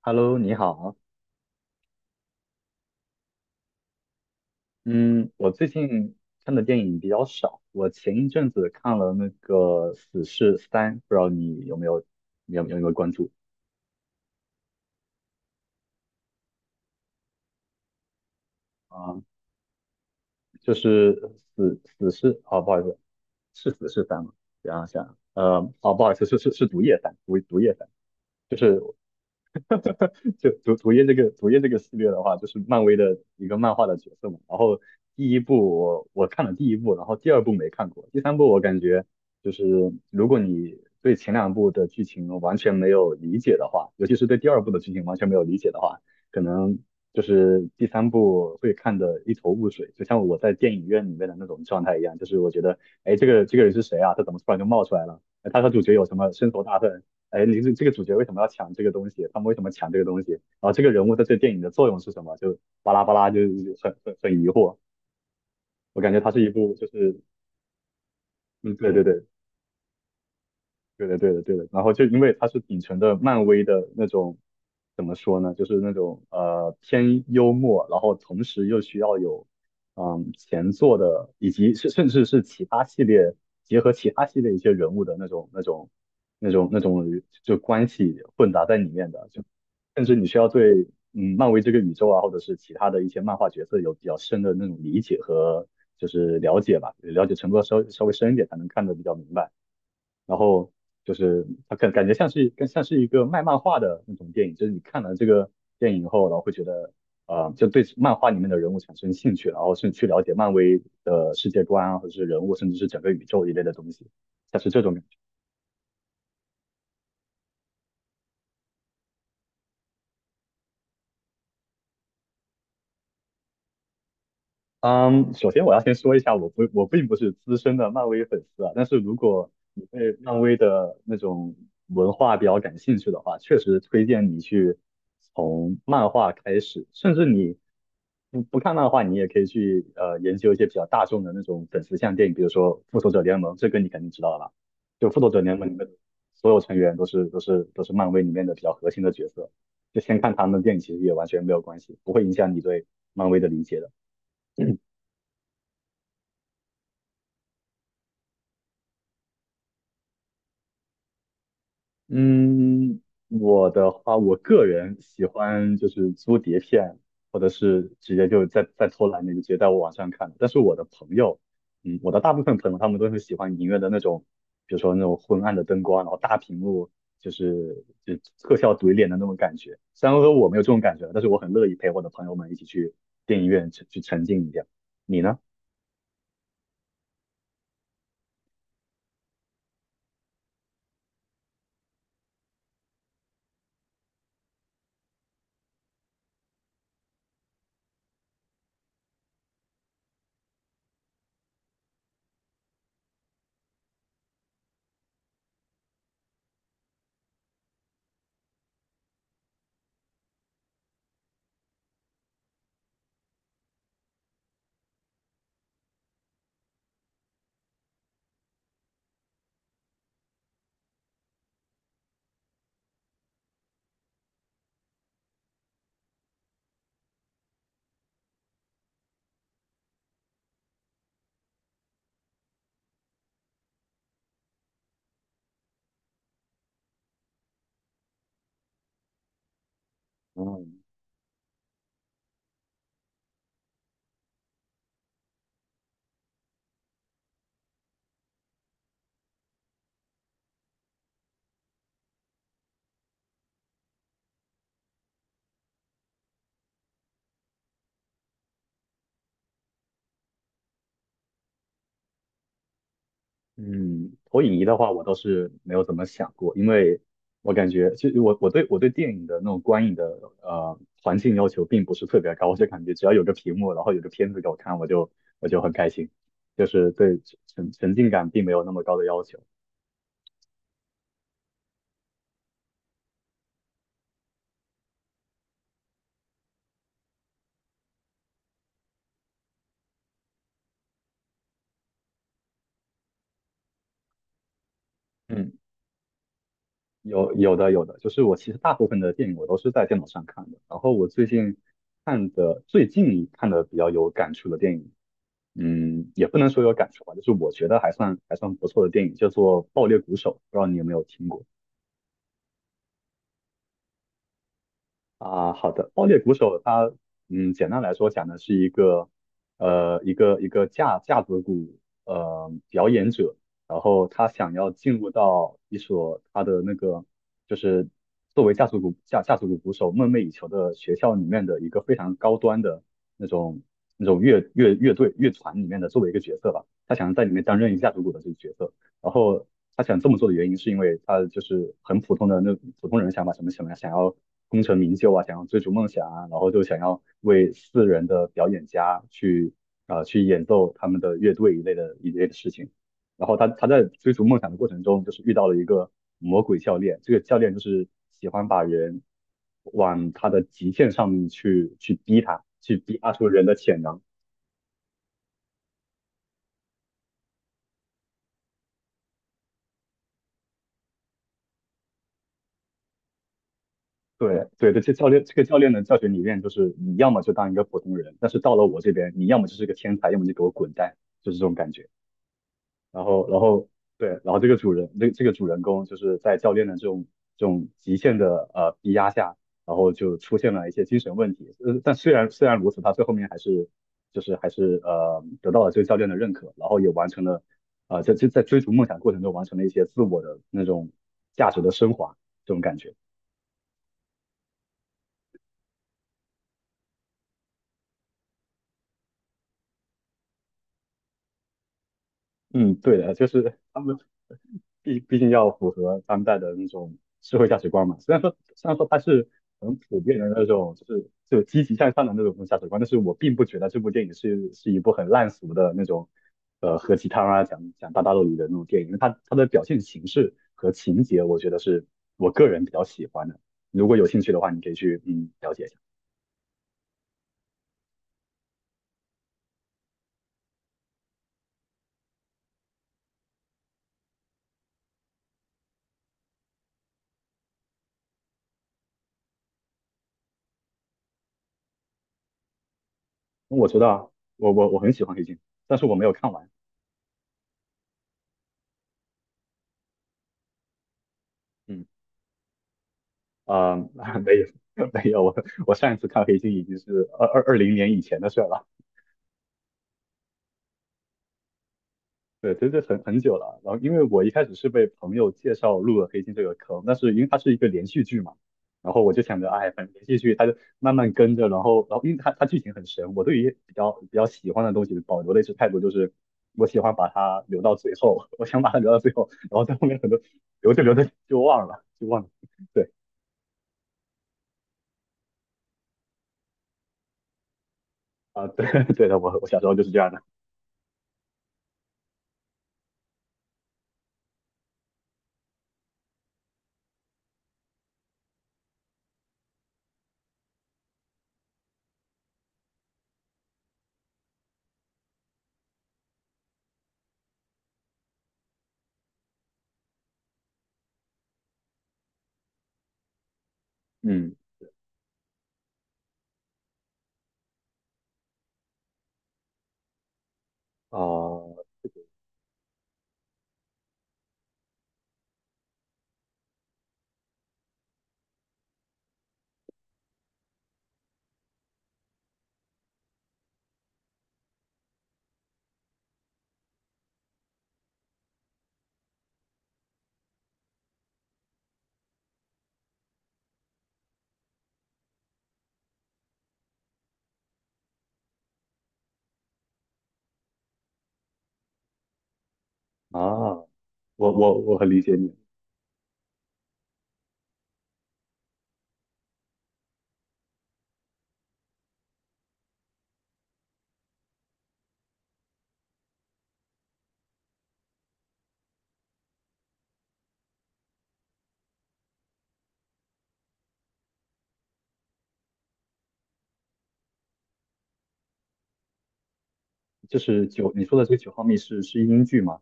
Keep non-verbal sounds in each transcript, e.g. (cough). Hello，你好。嗯，我最近看的电影比较少。我前一阵子看了那个《死侍三》，不知道你有没有、有没有关注啊？就是死侍哦，不好意思，是死侍三吗？想想，哦，不好意思，是毒液三，毒液三。就是。(laughs) 就主页这个系列的话，就是漫威的一个漫画的角色嘛。然后第一部我看了第一部，然后第二部没看过，第三部我感觉就是如果你对前两部的剧情完全没有理解的话，尤其是对第二部的剧情完全没有理解的话，可能就是第三部会看得一头雾水，就像我在电影院里面的那种状态一样，就是我觉得，哎，这个人是谁啊？他怎么突然就冒出来了？哎他和主角有什么深仇大恨？哎，你这个主角为什么要抢这个东西？他们为什么抢这个东西？然后这个人物在这电影的作用是什么？就巴拉巴拉，就很疑惑。我感觉它是一部就是，嗯，对对对，对的，对的，对的。然后就因为它是秉承的漫威的那种，怎么说呢？就是那种偏幽默，然后同时又需要有前作的，以及是甚至是其他系列结合其他系列一些人物的那种就关系混杂在里面的，就甚至你需要对漫威这个宇宙啊，或者是其他的一些漫画角色有比较深的那种理解和就是了解吧，了解程度要稍微深一点才能看得比较明白。然后就是它感觉像是更像是一个卖漫画的那种电影，就是你看了这个电影后，然后会觉得就对漫画里面的人物产生兴趣，然后是去了解漫威的世界观啊，或者是人物，甚至是整个宇宙一类的东西，像是这种感觉。嗯，首先我要先说一下，我并不是资深的漫威粉丝啊，但是如果你对漫威的那种文化比较感兴趣的话，确实推荐你去从漫画开始，甚至你不看漫画，你也可以去研究一些比较大众的那种粉丝向电影，比如说《复仇者联盟》，这个你肯定知道了吧？就《复仇者联盟》里面所有成员都是漫威里面的比较核心的角色，就先看他们的电影其实也完全没有关系，不会影响你对漫威的理解的。嗯，我的话，我个人喜欢就是租碟片，或者是直接就在偷懒的就直接在网上看。但是我的朋友，嗯，我的大部分朋友他们都是喜欢影院的那种，比如说那种昏暗的灯光，然后大屏幕，就是特效怼脸的那种感觉。虽然说我没有这种感觉，但是我很乐意陪我的朋友们一起去电影院去沉浸一下。你呢？嗯，嗯，投影仪的话，我倒是没有怎么想过，因为我感觉就我我对我对电影的那种观影的呃环境要求并不是特别高，我就感觉只要有个屏幕，然后有个片子给我看，我就很开心，就是对沉浸感并没有那么高的要求。嗯，有的，就是我其实大部分的电影我都是在电脑上看的，然后我最近看的最近看的比较有感触的电影，嗯，也不能说有感触吧，就是我觉得还算不错的电影，叫做《爆裂鼓手》，不知道你有没有听过啊？好的，《爆裂鼓手》它，嗯，简单来说讲的是一个，呃，一个架子鼓，呃，表演者，然后他想要进入到一所他的那个，就是作为架子鼓架子鼓鼓手梦寐以求的学校里面的一个非常高端的那种那种乐队乐团里面的作为一个角色吧，他想要在里面担任一架子鼓的这个角色。然后他想这么做的原因，是因为他就是很普通的那普通人想法，什么想要功成名就啊，想要追逐梦想啊，然后就想要为私人的表演家去去演奏他们的乐队一类的事情。然后他在追逐梦想的过程中，就是遇到了一个魔鬼教练，这个教练就是喜欢把人往他的极限上面去逼他，去逼他出人的潜能。对对对，这个教练的教学理念就是你要么就当一个普通人，但是到了我这边，你要么就是个天才，要么就给我滚蛋，就是这种感觉。然后对，然后这个主人这个主人公就是在教练的这种极限的逼压下，然后就出现了一些精神问题。呃，但虽然如此，他最后面还是就是还是得到了这个教练的认可，然后也完成了在追逐梦想过程中完成了一些自我的那种价值的升华，这种感觉。嗯，对的，就是他们毕竟要符合当代的那种社会价值观嘛。虽然说它是很普遍的那种，就是就积极向上的那种价值观，但是我并不觉得这部电影是一部很烂俗的那种，呃，喝鸡汤啊，讲讲大道理的那种电影。它的表现形式和情节，我觉得是我个人比较喜欢的。如果有兴趣的话，你可以去了解一下。我知道啊，我很喜欢黑镜，但是我没有看完。嗯。呃，(laughs) 没有没有，我上一次看黑镜已经是二零年以前的事儿了，对，真的很久了。然后因为我一开始是被朋友介绍入了黑镜这个坑，但是因为它是一个连续剧嘛，然后我就想着，哎，反正连续剧它就慢慢跟着，然后因为它剧情很神，我对于比较喜欢的东西保留的一直态度就是。我喜欢把它留到最后，(laughs) 我想把它留到最后，然后在后面很多留着就忘了，就忘了。对对 (laughs) 对的，我小时候就是这样的。嗯啊、啊，我很理解你，就是九，你说的这个九号密室是英剧吗？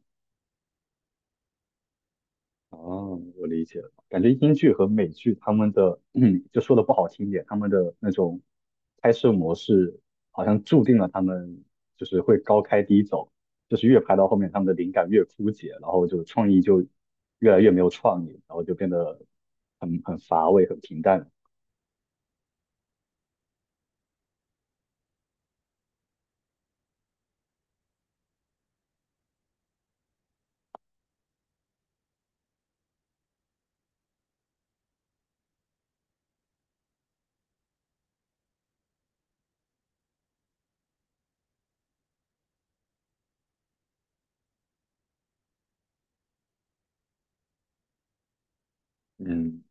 啊，我理解了，感觉英剧和美剧他们的，(clears throat) 嗯就说的不好听一点，他们的那种拍摄模式好像注定了他们就是会高开低走，就是越拍到后面他们的灵感越枯竭，然后就创意就越来越没有创意，然后就变得很乏味、很平淡。嗯，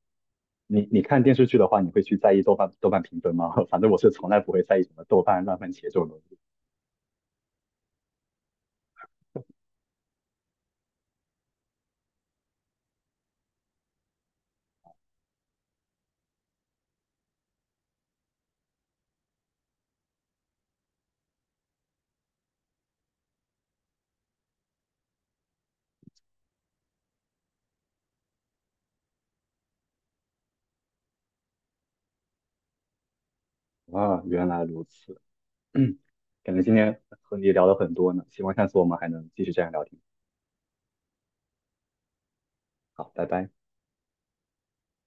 你你看电视剧的话，你会去在意豆瓣评分吗？(laughs) 反正我是从来不会在意什么豆瓣、烂番茄这种东西。啊，原来如此，(clears throat) 感觉今天和你聊了很多呢，希望下次我们还能继续这样聊天。好，拜拜。